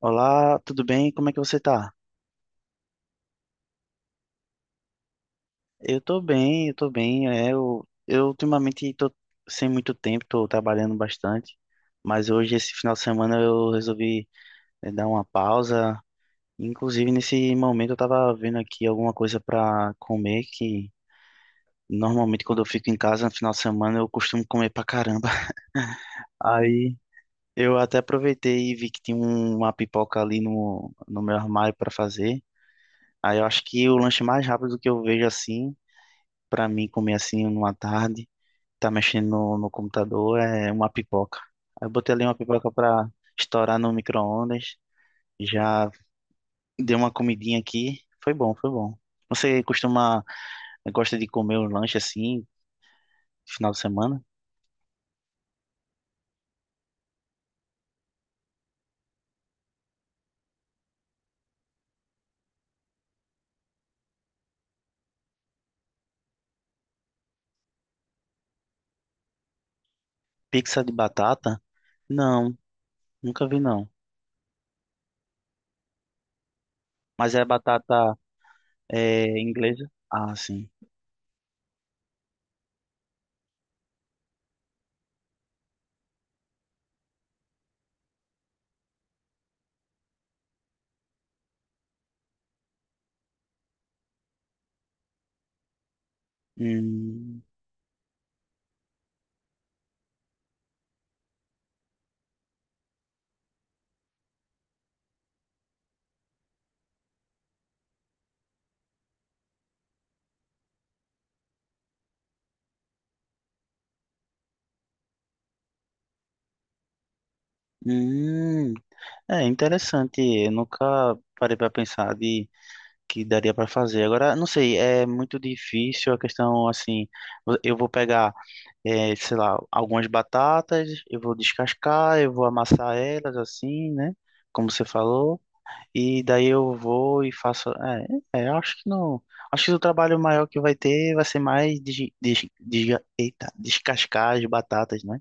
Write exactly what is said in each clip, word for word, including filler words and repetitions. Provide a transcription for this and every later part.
Olá, tudo bem? Como é que você tá? Eu tô bem, eu tô bem. É, eu, eu ultimamente tô sem muito tempo, tô trabalhando bastante, mas hoje, esse final de semana, eu resolvi eh, dar uma pausa. Inclusive, nesse momento, eu tava vendo aqui alguma coisa pra comer, que normalmente quando eu fico em casa no final de semana, eu costumo comer pra caramba. Aí eu até aproveitei e vi que tinha um- uma pipoca ali no, no meu armário pra fazer. Aí eu acho que o lanche mais rápido que eu vejo assim. Pra mim, comer assim numa tarde, tá mexendo no, no computador, é uma pipoca. Aí eu botei ali uma pipoca pra estourar no micro-ondas, já dei uma comidinha aqui, foi bom, foi bom. Você costuma, gosta de comer um lanche assim, final de semana? Pizza de batata? Não, nunca vi não. Mas é batata é, inglesa? Ah, sim. Hum, hum, é interessante, eu nunca parei pra pensar de que daria para fazer. Agora, não sei, é muito difícil a questão assim. Eu vou pegar, eh, sei lá, algumas batatas, eu vou descascar, eu vou amassar elas assim, né? Como você falou, e daí eu vou e faço. É, é, eu acho que não. Acho que o trabalho maior que vai ter vai ser mais des, des, desga- eita, descascar as batatas, né?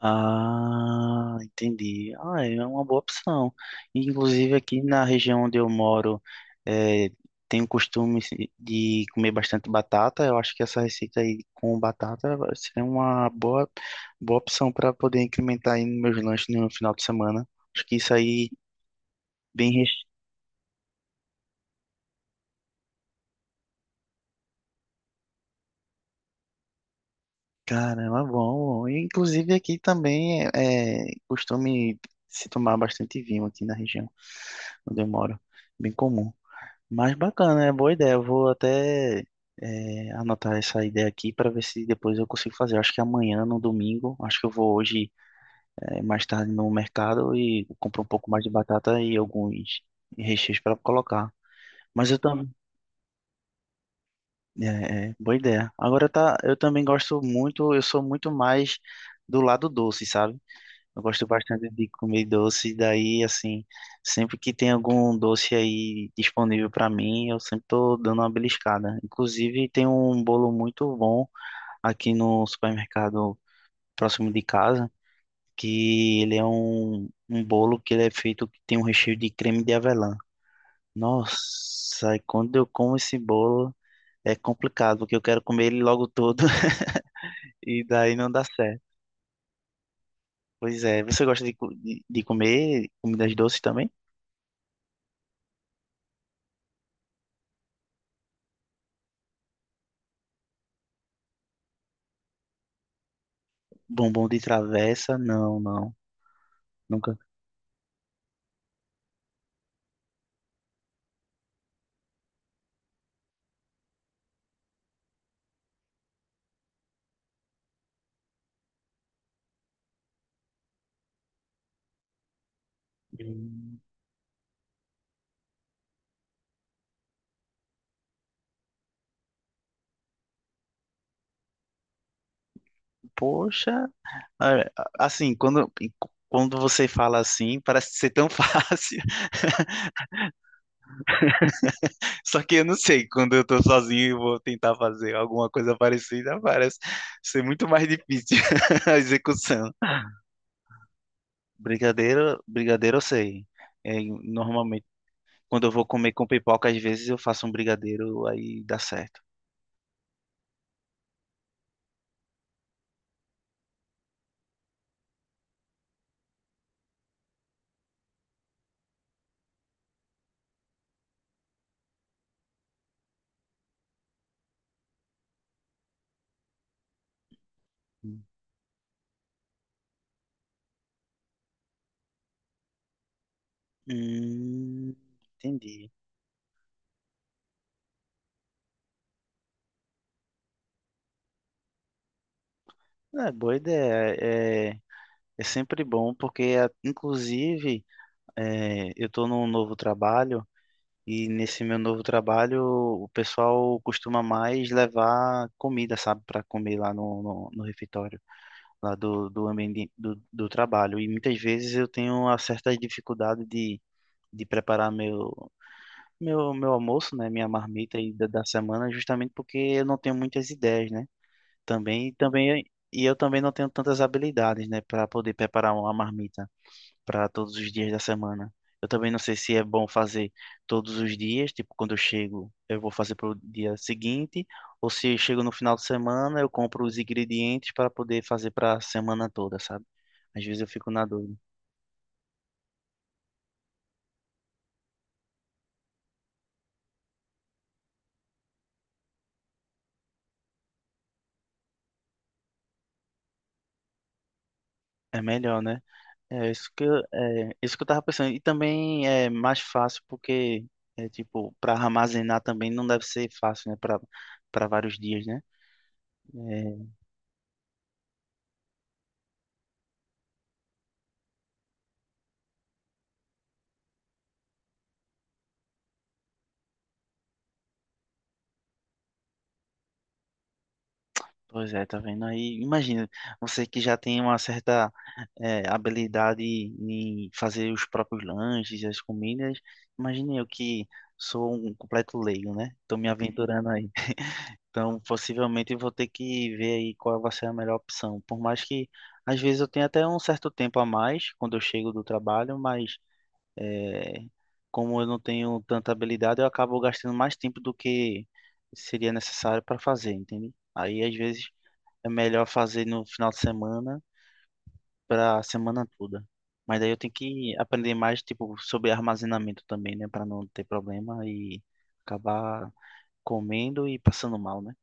Ah, entendi. Ah, é uma boa opção. Inclusive aqui na região onde eu moro, eh, tenho o costume de comer bastante batata. Eu acho que essa receita aí com batata vai- seria uma boa, boa opção para poder incrementar aí nos meus lanches no final de semana. Acho que isso aí bem recheado. Caramba, bom. E, inclusive aqui também é é costume se tomar bastante vinho aqui na região onde eu moro. Bem comum. Mas bacana, é boa ideia. Eu vou até eh, anotar essa ideia aqui para ver se depois eu consigo fazer. Eu acho que amanhã, no domingo, acho que eu vou hoje eh, mais tarde no mercado e compro um pouco mais de batata e alguns recheios para colocar. Mas eu também. É, é, boa ideia. Agora tá, eu também gosto muito, eu sou muito mais do lado doce, sabe? Eu gosto bastante de comer doce, daí, assim, sempre que tem algum doce aí disponível para mim, eu sempre tô dando uma beliscada. Inclusive, tem um bolo muito bom aqui no supermercado próximo de casa, que ele é um, um bolo que ele é feito que tem um recheio de creme de avelã. Nossa, e quando eu como esse bolo, é complicado, porque eu quero comer ele logo todo, e daí não dá certo. Pois é, você gosta de, co- de, de comer comidas doces também? Bombom de travessa, não, não. Nunca. Hum, Poxa, é, assim, quando, quando você fala assim, parece ser tão fácil. Só que eu não sei, quando eu tô sozinho e vou tentar fazer alguma coisa parecida, parece ser muito mais difícil a execução. Brigadeiro, brigadeiro eu sei. É, normalmente, quando eu vou comer com pipoca, às vezes eu faço um brigadeiro, aí dá certo. Hum, entendi. É, boa ideia. É, é sempre bom, porque a- inclusive é, eu estou num novo trabalho e nesse meu novo trabalho o pessoal costuma mais levar comida, sabe, para comer lá no, no, no refeitório, lá do, do ambiente do, do trabalho. E muitas vezes eu tenho uma certa dificuldade de, de preparar meu, meu, meu almoço, né, minha marmita aí da, da semana, justamente porque eu não tenho muitas ideias, né? Também, também, e eu também não tenho tantas habilidades, né, para poder preparar uma marmita para todos os dias da semana. Eu também não sei se é bom fazer todos os dias, tipo, quando eu chego, eu vou fazer para o dia seguinte, ou se eu chego no final de semana, eu compro os ingredientes para poder fazer para a semana toda, sabe? Às vezes eu fico na dúvida. É melhor, né? É isso que eu, é isso que eu tava pensando. E também é mais fácil porque é tipo, para armazenar também não deve ser fácil, né, para para vários dias, né? É, pois é, tá vendo aí? Imagina, você que já tem uma certa eh, habilidade em fazer os próprios lanches, as comidas, imagine eu que sou um completo leigo, né? Tô me aventurando aí. Então, possivelmente eu vou ter que ver aí qual vai ser a melhor opção. Por mais que, às vezes, eu tenha até um certo tempo a mais quando eu chego do trabalho, mas eh, como eu não tenho tanta habilidade, eu acabo gastando mais tempo do que seria necessário para fazer, entende? Aí, às vezes é melhor fazer no final de semana para a semana toda. Mas daí eu tenho que aprender mais, tipo, sobre armazenamento também, né? Para não ter problema e acabar comendo e passando mal, né?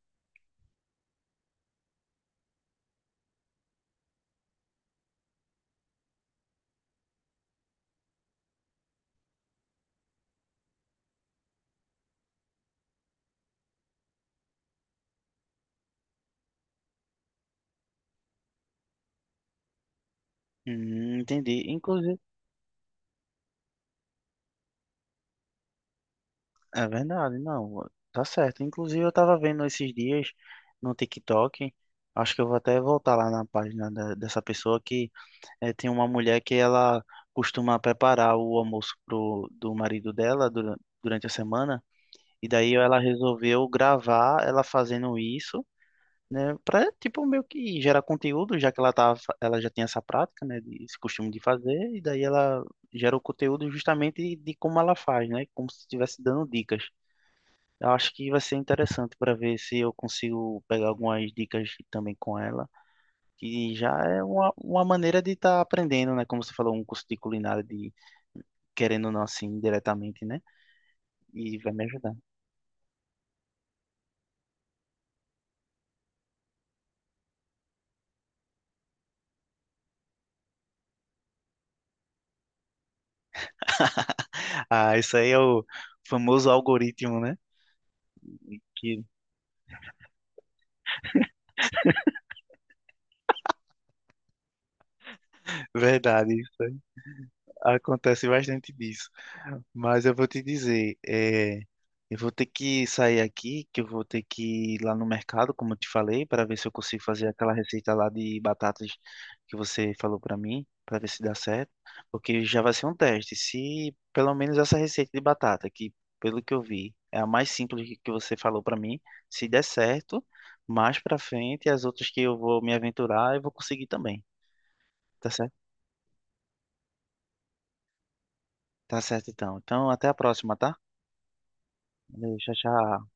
Hum, entendi. Inclusive, é verdade, não, tá certo. Inclusive, eu tava vendo esses dias no TikTok, acho que eu vou até voltar lá na página da- dessa pessoa que eh, tem uma mulher que ela costuma preparar o almoço pro, do marido dela dura- durante a semana. E daí ela resolveu gravar ela fazendo isso, né? Pra, tipo, meio que gerar conteúdo, já que ela tava, fa- ela já tinha essa prática, né? de- Esse costume de fazer, e daí ela gera o conteúdo justamente de como ela faz, né? Como se estivesse dando dicas. Eu acho que vai ser interessante para ver se eu consigo pegar algumas dicas também com ela, que já é uma, uma maneira de estar aprendendo, né? Como você falou, um curso de culinária, de querendo ou não assim, diretamente, né? E vai me ajudar. Ah, isso aí é o famoso algoritmo, né? Que verdade, isso aí. Acontece bastante disso. Mas eu vou te dizer, é, eu vou ter que sair aqui, que eu vou ter que ir lá no mercado, como eu te falei, para ver se eu consigo fazer aquela receita lá de batatas que você falou para mim, para ver se dá certo, porque já vai ser um teste. Se pelo menos essa receita de batata, que pelo que eu vi é a mais simples que que você falou para mim, se der certo, mais para frente as outras que eu vou me aventurar, eu vou conseguir também. Tá certo? Tá certo então. Então, até a próxima, tá? Valeu, tchau, tchau.